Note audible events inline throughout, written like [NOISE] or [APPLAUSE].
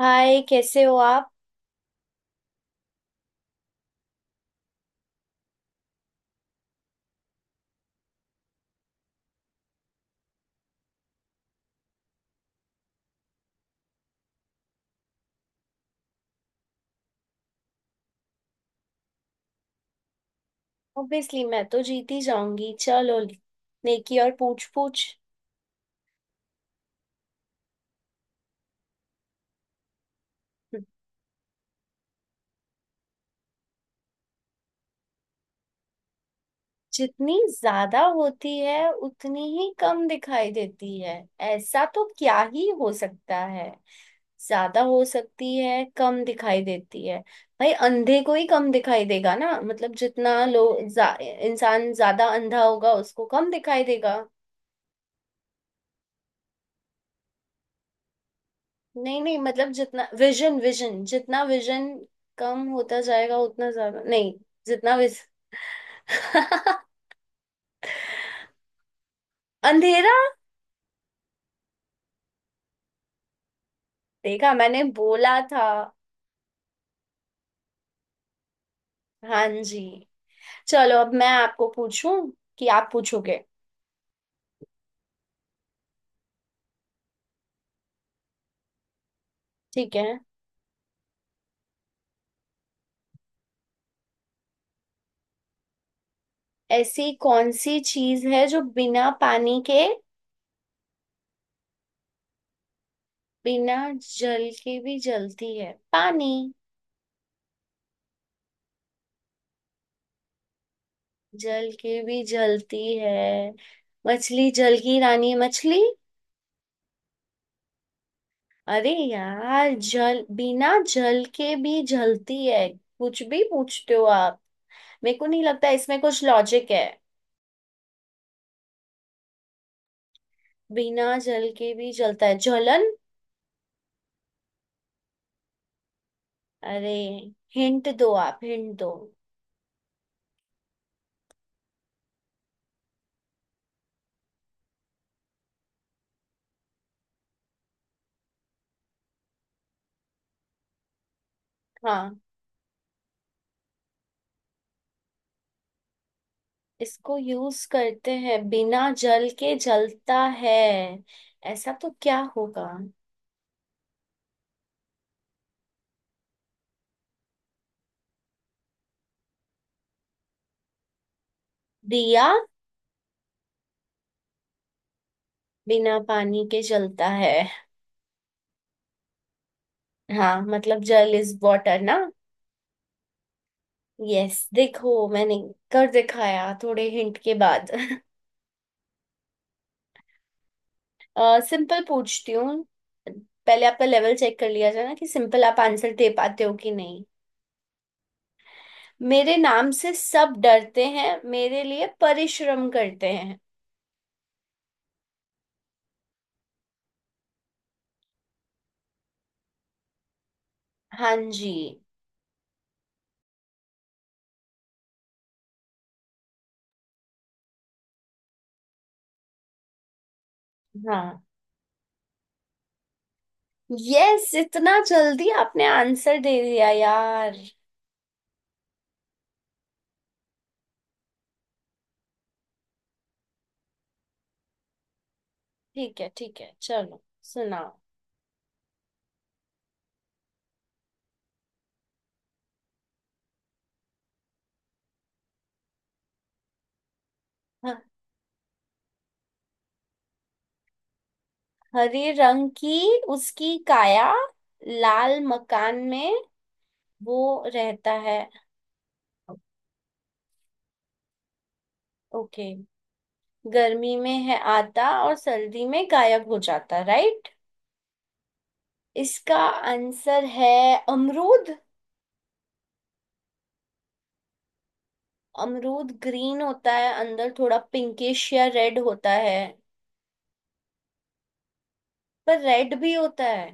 हाय, कैसे हो आप। ऑब्वियसली मैं तो जीत ही जाऊंगी। चलो, नेकी और पूछ पूछ। जितनी ज्यादा होती है उतनी ही कम दिखाई देती है, ऐसा तो क्या ही हो सकता है। ज्यादा हो सकती है, कम दिखाई देती है। भाई अंधे को ही कम दिखाई देगा ना, मतलब जितना इंसान ज्यादा अंधा होगा उसको कम दिखाई देगा। नहीं नहीं, मतलब जितना विजन विजन जितना विजन कम होता जाएगा उतना ज्यादा नहीं। जितना विज [LAUGHS] अंधेरा। देखा, मैंने बोला था। हाँ जी। चलो अब मैं आपको पूछूं कि आप पूछोगे। ठीक है। ऐसी कौन सी चीज है जो बिना पानी के, बिना जल के भी जलती है। पानी, जल के भी जलती है। मछली जल की रानी है, मछली। अरे यार, जल बिना जल के भी जलती है। कुछ भी पूछते हो आप। मेरे को नहीं लगता इसमें कुछ लॉजिक है। बिना जल के भी जलता है, जलन। अरे, हिंट दो आप, हिंट दो। हाँ, इसको यूज करते हैं, बिना जल के जलता है, ऐसा तो क्या होगा। दिया। बिना पानी के जलता है। हाँ, मतलब जल इज वाटर ना। यस, देखो मैंने कर दिखाया थोड़े हिंट के बाद [LAUGHS] सिंपल पूछती हूँ, पहले आपका लेवल चेक कर लिया जाए ना कि सिंपल आप आंसर दे पाते हो कि नहीं। मेरे नाम से सब डरते हैं, मेरे लिए परिश्रम करते हैं। हाँ जी। हाँ। यस, इतना जल्दी आपने आंसर दे दिया यार। ठीक है ठीक है, चलो सुनाओ। ह- हरे रंग की उसकी काया, लाल मकान में वो रहता है। ओके। गर्मी में है आता और सर्दी में गायब हो जाता, राइट। इसका आंसर है अमरूद। अमरूद ग्रीन होता है, अंदर थोड़ा पिंकिश या रेड होता है। पर रेड भी होता है,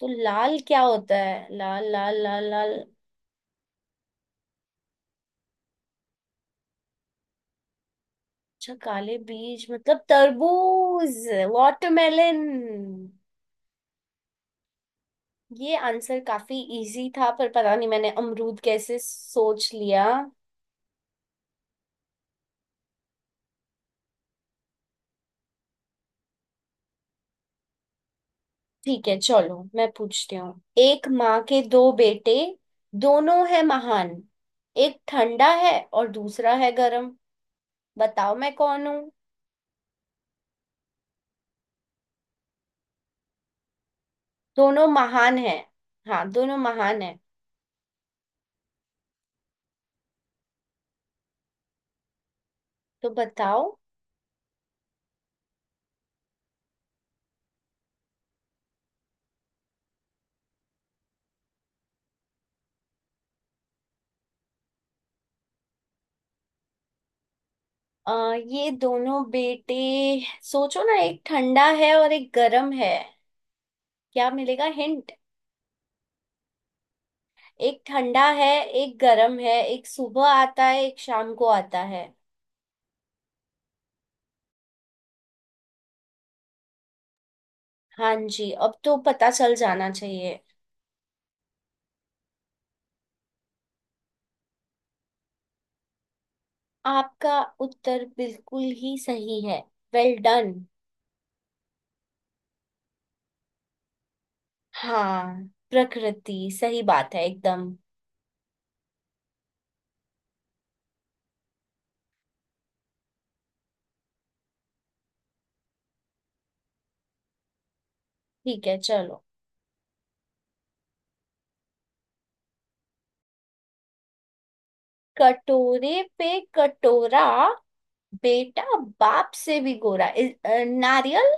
तो लाल क्या होता है, लाल लाल लाल लाल। अच्छा, काले बीज मतलब तरबूज, वाटरमेलन। ये आंसर काफी इजी था पर पता नहीं मैंने अमरूद कैसे सोच लिया। ठीक है, चलो मैं पूछती हूँ। एक माँ के दो बेटे, दोनों हैं महान। एक ठंडा है और दूसरा है गरम, बताओ मैं कौन हूँ। दोनों महान हैं। हाँ, दोनों महान हैं। तो बताओ। ये दोनों बेटे, सोचो ना, एक ठंडा है और एक गरम है। क्या मिलेगा हिंट। एक ठंडा है, एक गरम है, एक सुबह आता है एक शाम को आता है। हाँ जी, अब तो पता चल जाना चाहिए। आपका उत्तर बिल्कुल ही सही है, वेल डन। हाँ। प्रकृति, सही बात है एकदम। ठीक है, चलो। कटोरे पे कटोरा, बेटा बाप से भी गोरा। नारियल।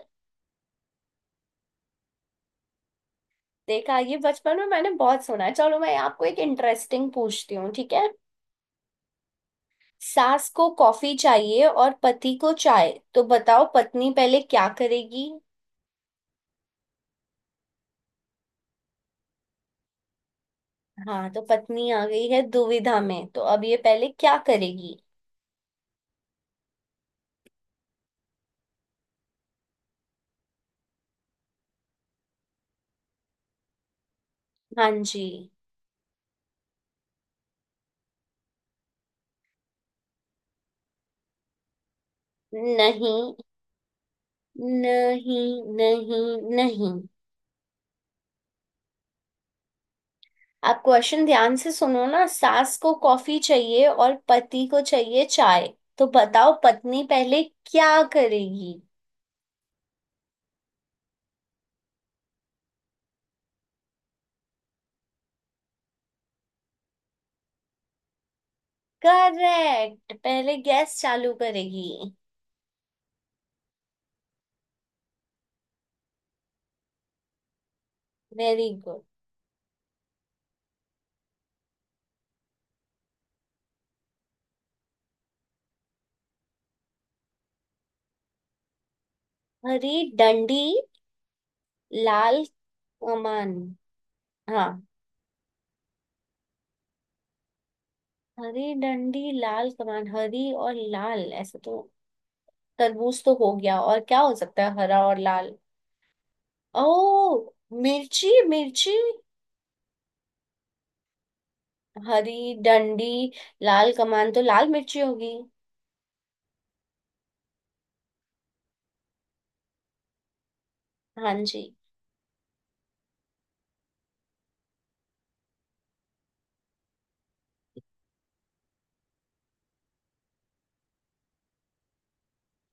देखा, ये बचपन में मैंने बहुत सुना है। चलो मैं आपको एक इंटरेस्टिंग पूछती हूँ, ठीक है। सास को कॉफी चाहिए और पति को चाय, तो बताओ पत्नी पहले क्या करेगी। हाँ, तो पत्नी आ गई है दुविधा में, तो अब ये पहले क्या करेगी। हाँ जी। नहीं नहीं नहीं नहीं, आप क्वेश्चन ध्यान से सुनो ना। सास को कॉफी चाहिए और पति को चाहिए चाय, तो बताओ पत्नी पहले क्या करेगी। करेक्ट, पहले गैस चालू करेगी। Very good. हरी डंडी लाल कमान। हाँ। हरी डंडी लाल कमान, हरी और लाल, ऐसे तो तरबूज तो हो गया, और क्या हो सकता है हरा और लाल। ओ, मिर्ची मिर्ची। हरी डंडी, लाल कमान, तो लाल मिर्ची होगी। हाँ जी।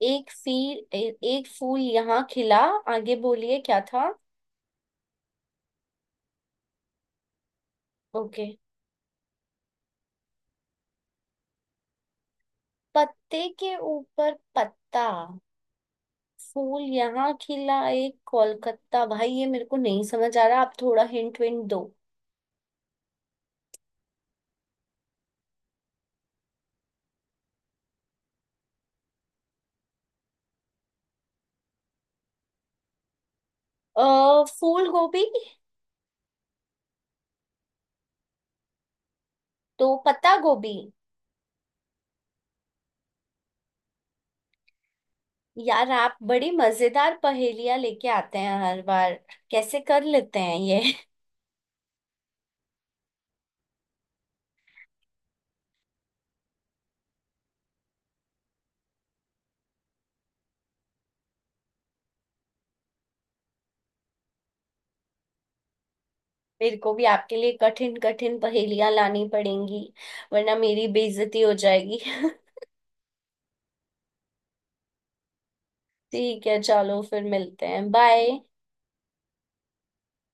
एक फूल यहाँ खिला, आगे बोलिए क्या था। ओके। पत्ते के ऊपर पत्ता। फूल यहाँ खिला एक कोलकाता, भाई ये मेरे को नहीं समझ आ रहा, आप थोड़ा हिंट विंट दो। अ फूल गोभी। तो पत्ता गोभी। यार आप बड़ी मजेदार पहेलियां लेके आते हैं हर बार। कैसे कर लेते हैं ये। मेरे को भी आपके लिए कठिन कठिन पहेलियां लानी पड़ेंगी वरना मेरी बेइज्जती हो जाएगी [LAUGHS] ठीक है चलो, फिर मिलते हैं, बाय।